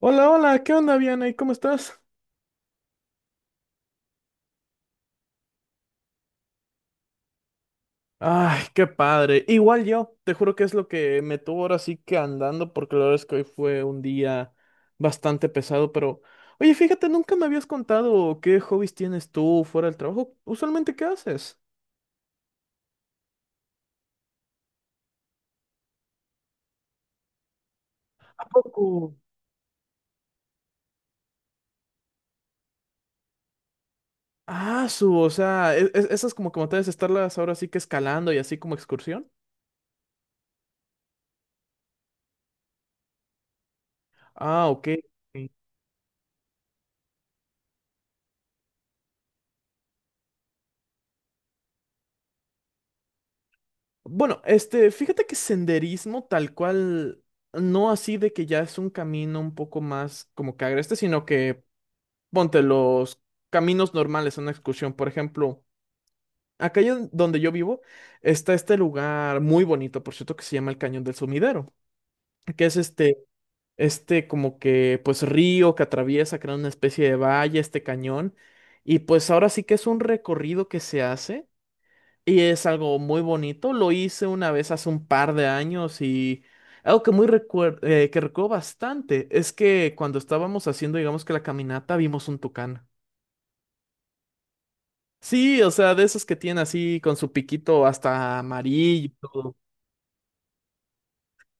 Hola, hola, ¿qué onda, Vianey? ¿Cómo estás? Ay, qué padre. Igual yo, te juro que es lo que me tuvo ahora sí que andando, porque la verdad es que hoy fue un día bastante pesado, pero oye, fíjate, nunca me habías contado qué hobbies tienes tú fuera del trabajo. Usualmente, ¿qué haces? ¿A poco? O sea, esas como que me estarlas ahora sí que escalando y así como excursión. Ah, ok. Bueno, este, fíjate que senderismo tal cual, no así de que ya es un camino un poco más como que agreste, sino que ponte los caminos normales a una excursión. Por ejemplo, acá donde yo vivo está este lugar muy bonito, por cierto, que se llama el Cañón del Sumidero, que es este, este como que pues río que atraviesa, crea una especie de valle, este cañón. Y pues ahora sí que es un recorrido que se hace. Y es algo muy bonito. Lo hice una vez hace un par de años y algo que muy que recuerdo bastante es que cuando estábamos haciendo, digamos que la caminata, vimos un tucán. Sí, o sea, de esos que tienen así con su piquito hasta amarillo y todo.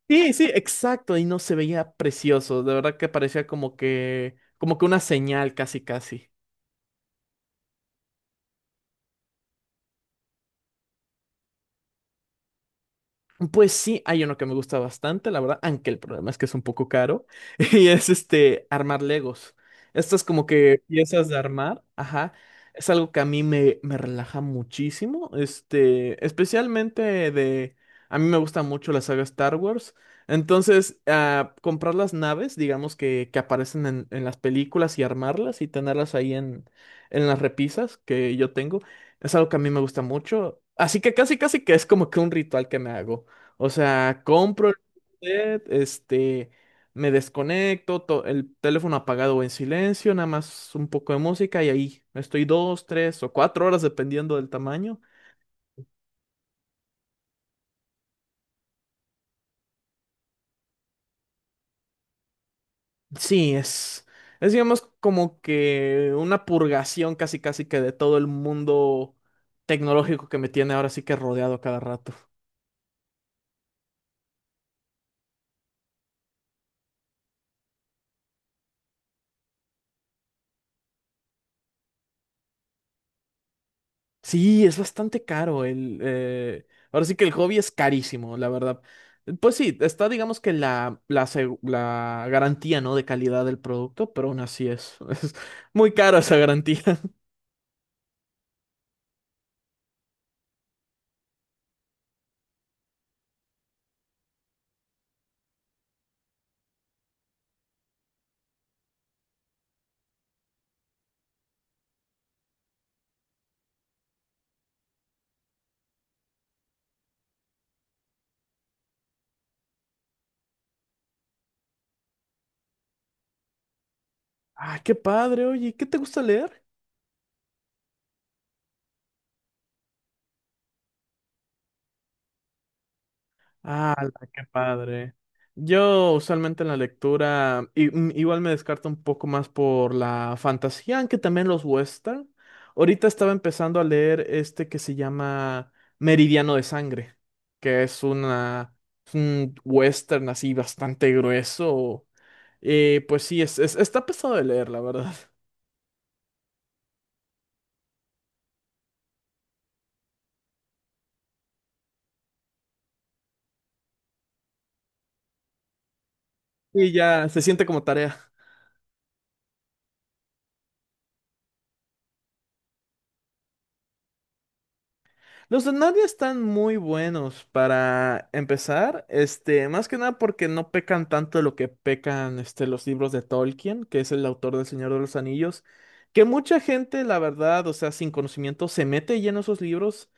Sí, sí, exacto. Y no se veía precioso. De verdad que parecía como que una señal, casi, casi. Pues sí, hay uno que me gusta bastante, la verdad, aunque el problema es que es un poco caro, y es este armar Legos. Estas como que piezas de armar, ajá, es algo que a mí me relaja muchísimo, este, especialmente de, a mí me gusta mucho la saga Star Wars, entonces comprar las naves, digamos que aparecen en las películas y armarlas y tenerlas ahí en las repisas que yo tengo, es algo que a mí me gusta mucho. Así que casi, casi que es como que un ritual que me hago. O sea, compro el set, este, me desconecto, el teléfono apagado o en silencio, nada más un poco de música y ahí estoy dos, tres o cuatro horas dependiendo del tamaño. Sí, es digamos como que una purgación casi casi que de todo el mundo tecnológico que me tiene ahora sí que rodeado a cada rato. Sí, es bastante caro el. Ahora sí que el hobby es carísimo, la verdad. Pues sí, está, digamos que la garantía, ¿no? De calidad del producto, pero aún así es, es muy cara esa garantía. Ah, qué padre, oye, ¿qué te gusta leer? Ah, qué padre. Yo usualmente en la lectura igual me descarto un poco más por la fantasía, aunque también los western. Ahorita estaba empezando a leer este que se llama Meridiano de Sangre, que es una es un western así bastante grueso. Pues sí, está pesado de leer, la verdad. Y ya se siente como tarea. Los de Narnia están muy buenos para empezar, este, más que nada porque no pecan tanto de lo que pecan este, los libros de Tolkien, que es el autor del Señor de los Anillos, que mucha gente, la verdad, o sea, sin conocimiento, se mete lleno a esos libros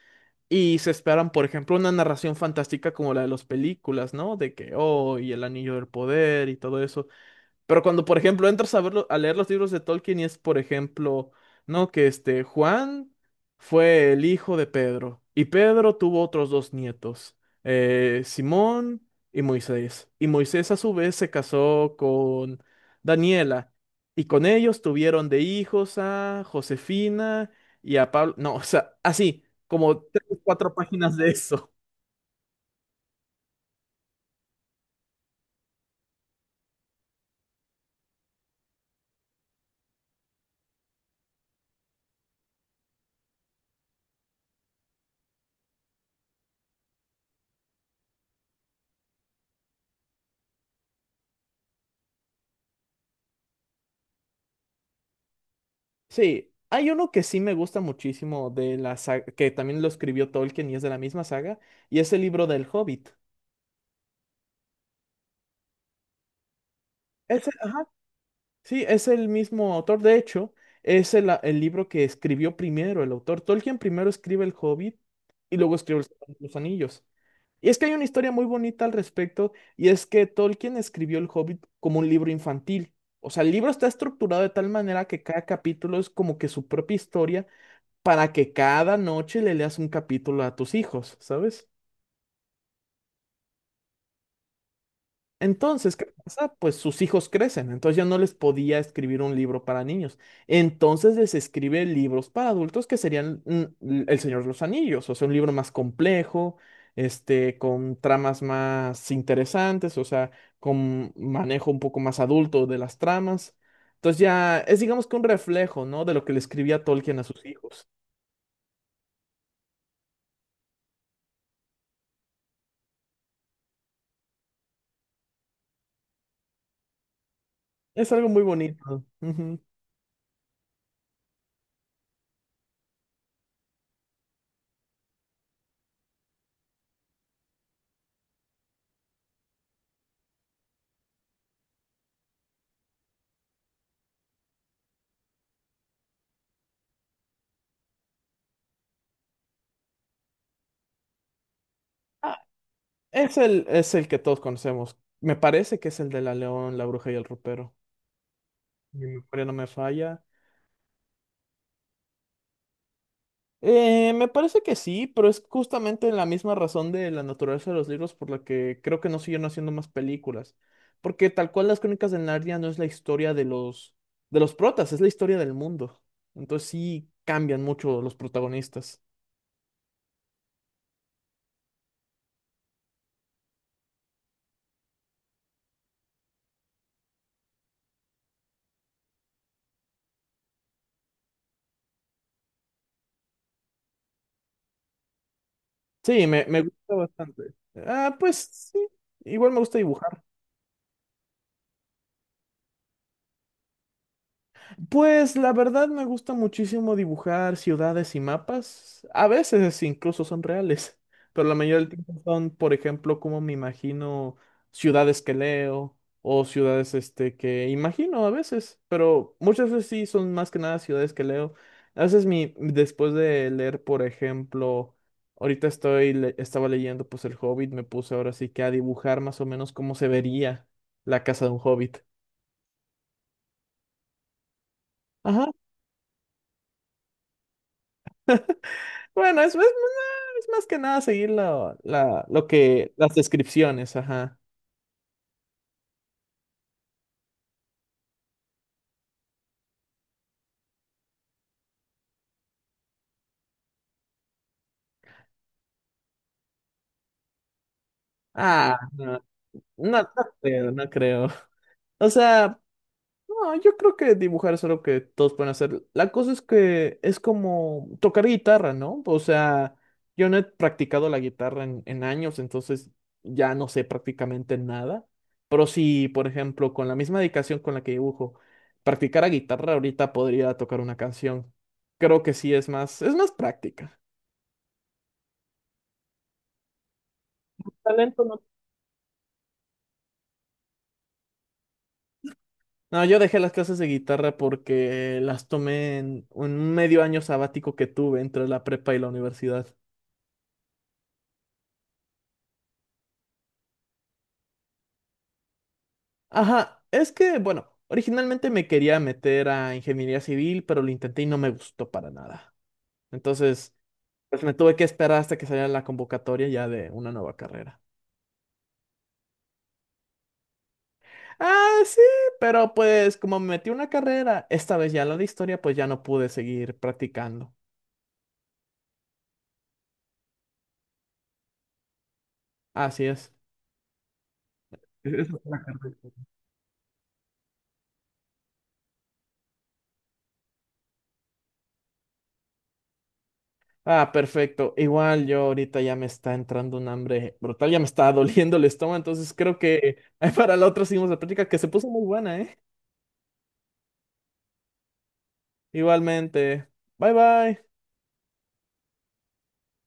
y se esperan, por ejemplo, una narración fantástica como la de las películas, ¿no? De que, oh, y el Anillo del Poder y todo eso. Pero cuando, por ejemplo, entras a verlo, a leer los libros de Tolkien y es, por ejemplo, no, que este Juan fue el hijo de Pedro y Pedro tuvo otros dos nietos, Simón y Moisés. Y Moisés a su vez se casó con Daniela y con ellos tuvieron de hijos a Josefina y a Pablo. No, o sea, así, como tres, cuatro páginas de eso. Sí, hay uno que sí me gusta muchísimo de la saga, que también lo escribió Tolkien y es de la misma saga, y es el libro del Hobbit. Ajá, sí, es el mismo autor. De hecho, es el libro que escribió primero el autor. Tolkien primero escribe el Hobbit y luego escribe el Señor de los Anillos. Y es que hay una historia muy bonita al respecto, y es que Tolkien escribió el Hobbit como un libro infantil. O sea, el libro está estructurado de tal manera que cada capítulo es como que su propia historia para que cada noche le leas un capítulo a tus hijos, ¿sabes? Entonces, ¿qué pasa? Pues sus hijos crecen, entonces ya no les podía escribir un libro para niños. Entonces les escribe libros para adultos que serían El Señor de los Anillos, o sea, un libro más complejo, este, con tramas más interesantes, o sea, con manejo un poco más adulto de las tramas. Entonces ya es digamos que un reflejo, ¿no? De lo que le escribía Tolkien a sus hijos. Es algo muy bonito. Ujú. Es el que todos conocemos. Me parece que es el de la León, la Bruja y el Ropero. Mi memoria no me falla. Me parece que sí, pero es justamente la misma razón de la naturaleza de los libros por la que creo que no siguen haciendo más películas. Porque tal cual las Crónicas de Narnia no es la historia de los protas, es la historia del mundo. Entonces sí cambian mucho los protagonistas. Sí, me gusta bastante. Ah, pues sí, igual me gusta dibujar. Pues la verdad me gusta muchísimo dibujar ciudades y mapas. A veces incluso son reales, pero la mayoría del tiempo son, por ejemplo, como me imagino ciudades que leo o ciudades este que imagino a veces, pero muchas veces sí son más que nada ciudades que leo. A veces mi después de leer, por ejemplo, ahorita estaba leyendo pues El Hobbit, me puse ahora sí que a dibujar más o menos cómo se vería la casa de un hobbit. Ajá. Bueno, es más que nada seguir las descripciones, ajá. Ah, no, no, no creo, no creo. O sea, no, yo creo que dibujar es algo que todos pueden hacer. La cosa es que es como tocar guitarra, ¿no? O sea, yo no he practicado la guitarra en años, entonces ya no sé prácticamente nada. Pero si, por ejemplo, con la misma dedicación con la que dibujo, practicara guitarra, ahorita podría tocar una canción. Creo que sí es más práctica. Talento no, yo dejé las clases de guitarra porque las tomé en un medio año sabático que tuve entre la prepa y la universidad. Ajá, es que, bueno, originalmente me quería meter a ingeniería civil, pero lo intenté y no me gustó para nada. Entonces, pues me tuve que esperar hasta que saliera la convocatoria ya de una nueva carrera. Ah, sí, pero pues como me metí a una carrera, esta vez ya la de historia, pues ya no pude seguir practicando. Así es. Eso fue la carrera. Ah, perfecto. Igual yo ahorita ya me está entrando un hambre brutal, ya me está doliendo el estómago, entonces creo que para la otra seguimos la práctica que se puso muy buena, ¿eh? Igualmente. Bye bye.